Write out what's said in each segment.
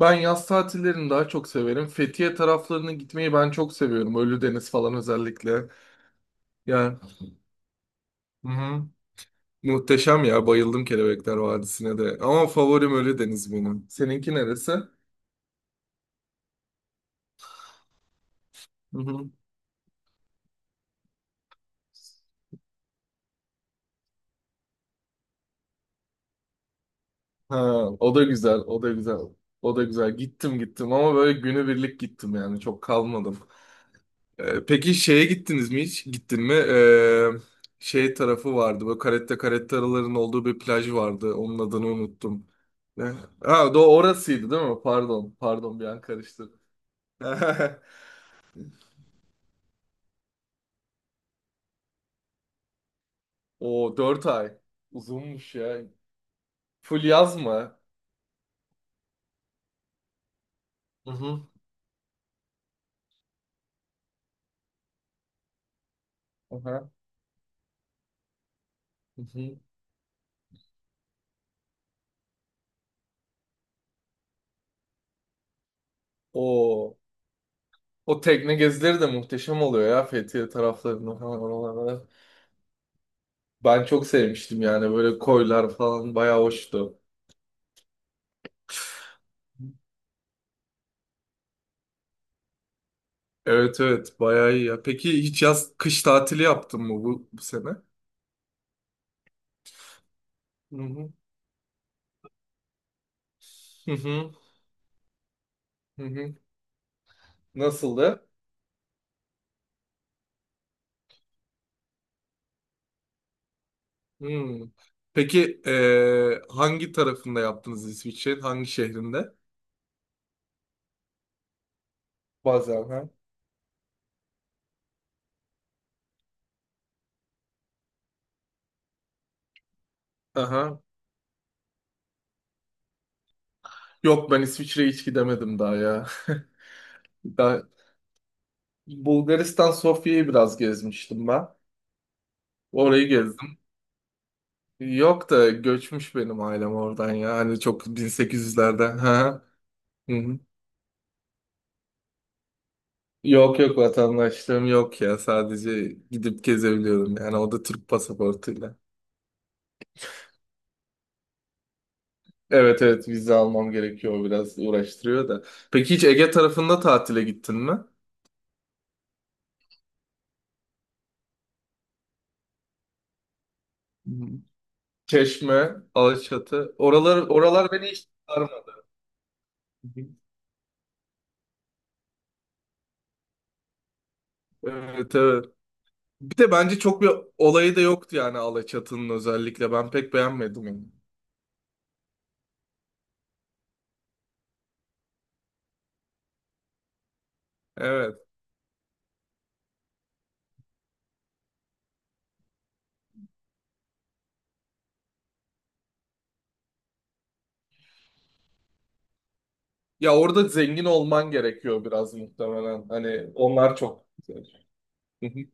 Ben yaz tatillerini daha çok severim. Fethiye taraflarına gitmeyi ben çok seviyorum. Ölüdeniz falan özellikle. Yani hı hı. Muhteşem ya. Bayıldım Kelebekler Vadisi'ne de. Ama favorim Ölüdeniz benim. Seninki neresi? Hı hı. Ha, o da güzel, o da güzel. O da güzel. Gittim ama böyle günübirlik gittim yani. Çok kalmadım. Peki şeye gittiniz mi hiç? Gittin mi? Şey tarafı vardı. Böyle caretta carettaların olduğu bir plaj vardı. Onun adını unuttum. Ne? Ha, do orasıydı değil mi? Pardon. Pardon bir an karıştırdım. O 4 ay. Uzunmuş ya. Full yaz mı? Hı hı. Aha. Hı hı. O o tekne gezileri de muhteşem oluyor ya Fethiye taraflarında falan oralarda. Ben çok sevmiştim yani böyle koylar falan bayağı hoştu. Evet evet bayağı iyi ya. Peki hiç yaz kış tatili yaptın mı bu sene? Hı hı. Hı hı. Hı hı. Nasıldı? Hmm. Peki hangi tarafında yaptınız İsviçre'nin? Hangi şehrinde? Bazen ha. Aha. Yok ben İsviçre'ye hiç gidemedim daha ya. Daha Bulgaristan Sofya'yı biraz gezmiştim ben. Orayı gezdim. Yok da göçmüş benim ailem oradan ya. Hani çok 1800'lerden. Ha. Hı hı. Yok yok vatandaşlığım yok ya. Sadece gidip gezebiliyorum yani. O da Türk pasaportuyla. Evet evet vize almam gerekiyor. O biraz uğraştırıyor da. Peki hiç Ege tarafında tatile gittin mi? Hı hı. Çeşme, Alaçatı. Oralar beni hiç sarmadı. Evet evet. Bir de bence çok bir olayı da yoktu yani Alaçatı'nın özellikle. Ben pek beğenmedim onu. Evet. Ya orada zengin olman gerekiyor biraz muhtemelen. Hani onlar çok güzel.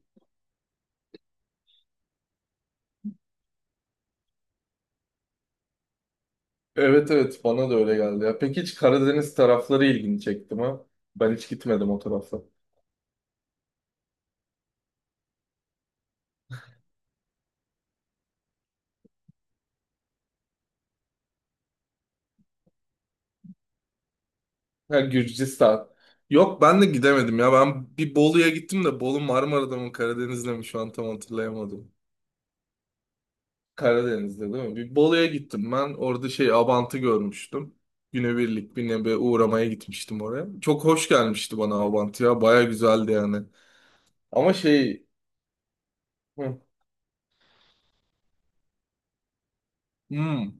Evet evet bana da öyle geldi ya. Peki hiç Karadeniz tarafları ilgini çekti mi? Ben hiç gitmedim o tarafa. Ha Gürcistan. Yok ben de gidemedim ya. Ben bir Bolu'ya gittim de Bolu Marmara'da mı Karadeniz'de mi şu an tam hatırlayamadım. Karadeniz'de değil mi? Bir Bolu'ya gittim ben. Orada şey Abant'ı görmüştüm. Günübirlik bir nebe uğramaya gitmiştim oraya. Çok hoş gelmişti bana Abant ya. Baya güzeldi yani. Ama şey... Hı. Hmm.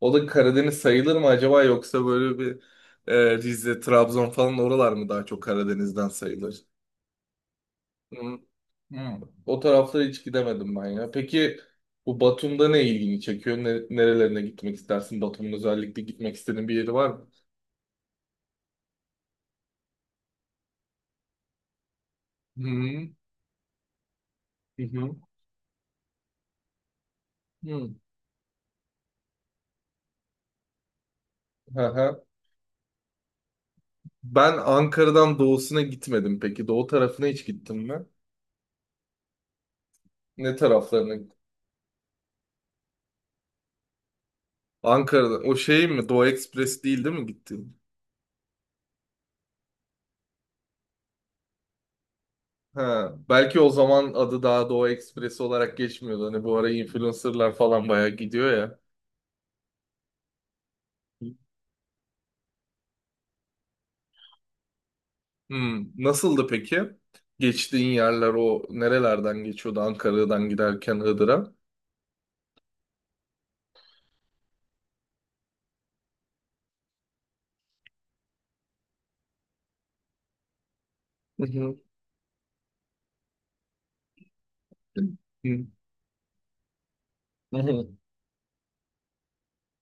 O da Karadeniz sayılır mı acaba yoksa böyle bir Rize, Trabzon falan oralar mı daha çok Karadeniz'den sayılır? Hı, hı. O taraflara hiç gidemedim ben ya. Peki bu Batum'da ne ilgini çekiyor? Ne, nerelerine gitmek istersin? Batum'un özellikle gitmek istediğin bir yeri var mı? Hı hı. hı. Hı. Hı hı. Ben Ankara'dan doğusuna gitmedim peki. Doğu tarafına hiç gittin mi? Ne taraflarına? Ankara'dan. O şey mi? Doğu Ekspresi değil mi gittin? Ha, belki o zaman adı daha Doğu Ekspresi olarak geçmiyordu. Hani bu ara influencerlar falan bayağı gidiyor ya. Hmm, nasıldı peki? Geçtiğin yerler o nerelerden geçiyordu? Ankara'dan giderken Iğdır'a. Hı hı. Hı hı.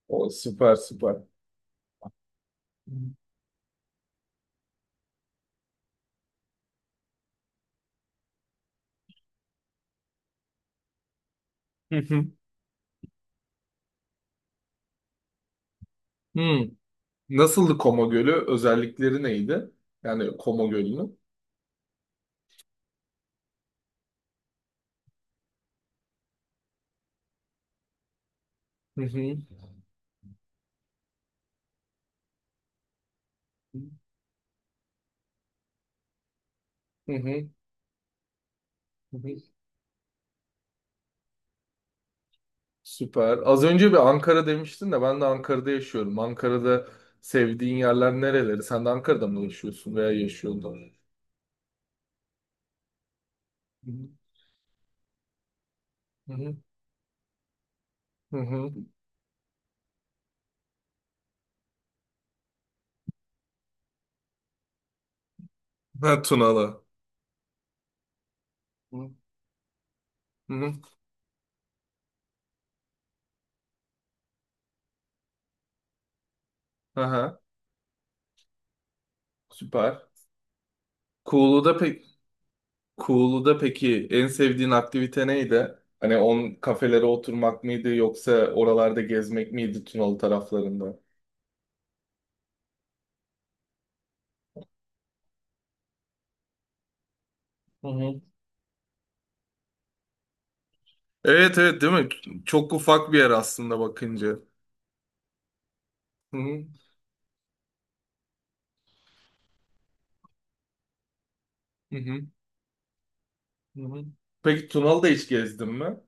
O süper. Hı hı. Hmm. Nasıldı Koma Gölü? Özellikleri neydi? Yani Koma Gölü'nün. Hı hı. Hı hı. Hı hı. Süper. Az önce bir Ankara demiştin de ben de Ankara'da yaşıyorum. Ankara'da sevdiğin yerler nereleri? Sen de Ankara'da mı yaşıyorsun veya yaşıyordun? Hı hı. Hı hı. Ha, Tunalı. Hı hı. Aha, süper. Kuğulu'da pek Kuğulu'da peki en sevdiğin aktivite neydi? Hani on kafelere oturmak mıydı yoksa oralarda gezmek miydi Tunalı taraflarında? Hı hı. Evet evet değil mi? Çok ufak bir yer aslında bakınca. Hı hı. Hı hı. Hı hı. Peki Tunalı'da hiç gezdin mi?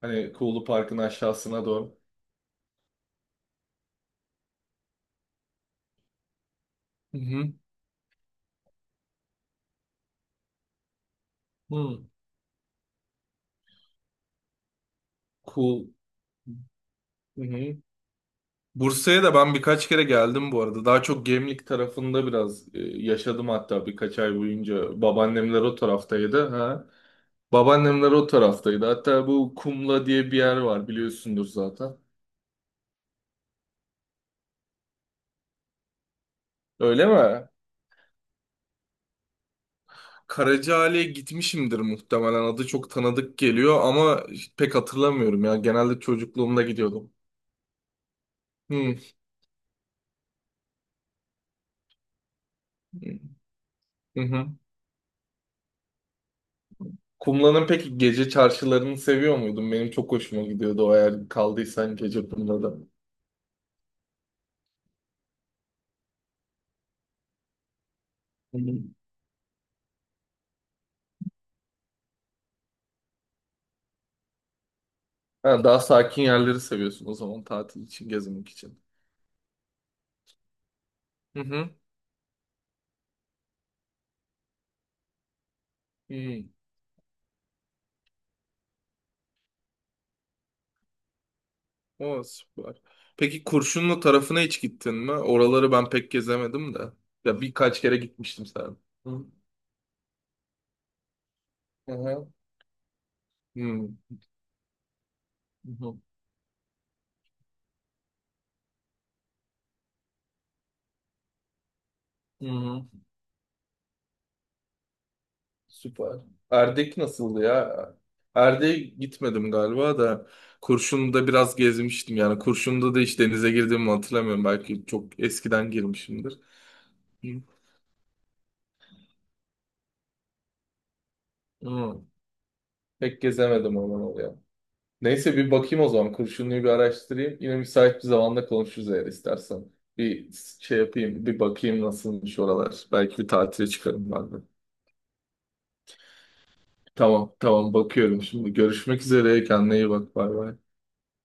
Hani Kuğulu Park'ın aşağısına doğru. Hı hı. Hı. Kuğu... Hı hı. Bursa'ya da ben birkaç kere geldim bu arada. Daha çok Gemlik tarafında biraz yaşadım hatta birkaç ay boyunca. Babaannemler o taraftaydı. Ha. Babaannemler o taraftaydı. Hatta bu Kumla diye bir yer var biliyorsundur zaten. Öyle mi? Karacaali'ye gitmişimdir muhtemelen. Adı çok tanıdık geliyor ama pek hatırlamıyorum ya. Genelde çocukluğumda gidiyordum. Hı. Hı hı. Kumla'nın peki gece çarşılarını seviyor muydun? Benim çok hoşuma gidiyordu o eğer kaldıysan gece Kumla'da. Hı hı. Ha, daha sakin yerleri seviyorsun o zaman tatil için, gezmek için. Hı hı. Hı. O süper. Peki Kurşunlu tarafına hiç gittin mi? Oraları ben pek gezemedim de. Ya birkaç kere gitmiştim sen. Hı hı. Hı hı. Hı hı. Hı hı. Süper. Erdek nasıldı ya? Erdek'e gitmedim galiba da Kurşun'da biraz gezmiştim yani. Kurşun'da da hiç denize girdiğimi hatırlamıyorum. Belki çok eskiden girmişimdir. Hı. Hı. Pek gezemedim aman oluyor. Neyse bir bakayım o zaman. Kurşunlu'yu bir araştırayım. Yine müsait bir zamanda konuşuruz eğer istersen. Bir şey yapayım, bir bakayım nasılmış oralar. Belki bir tatile çıkarım ben de. Tamam, tamam bakıyorum şimdi. Görüşmek üzere. Kendine iyi bak. Bay bay.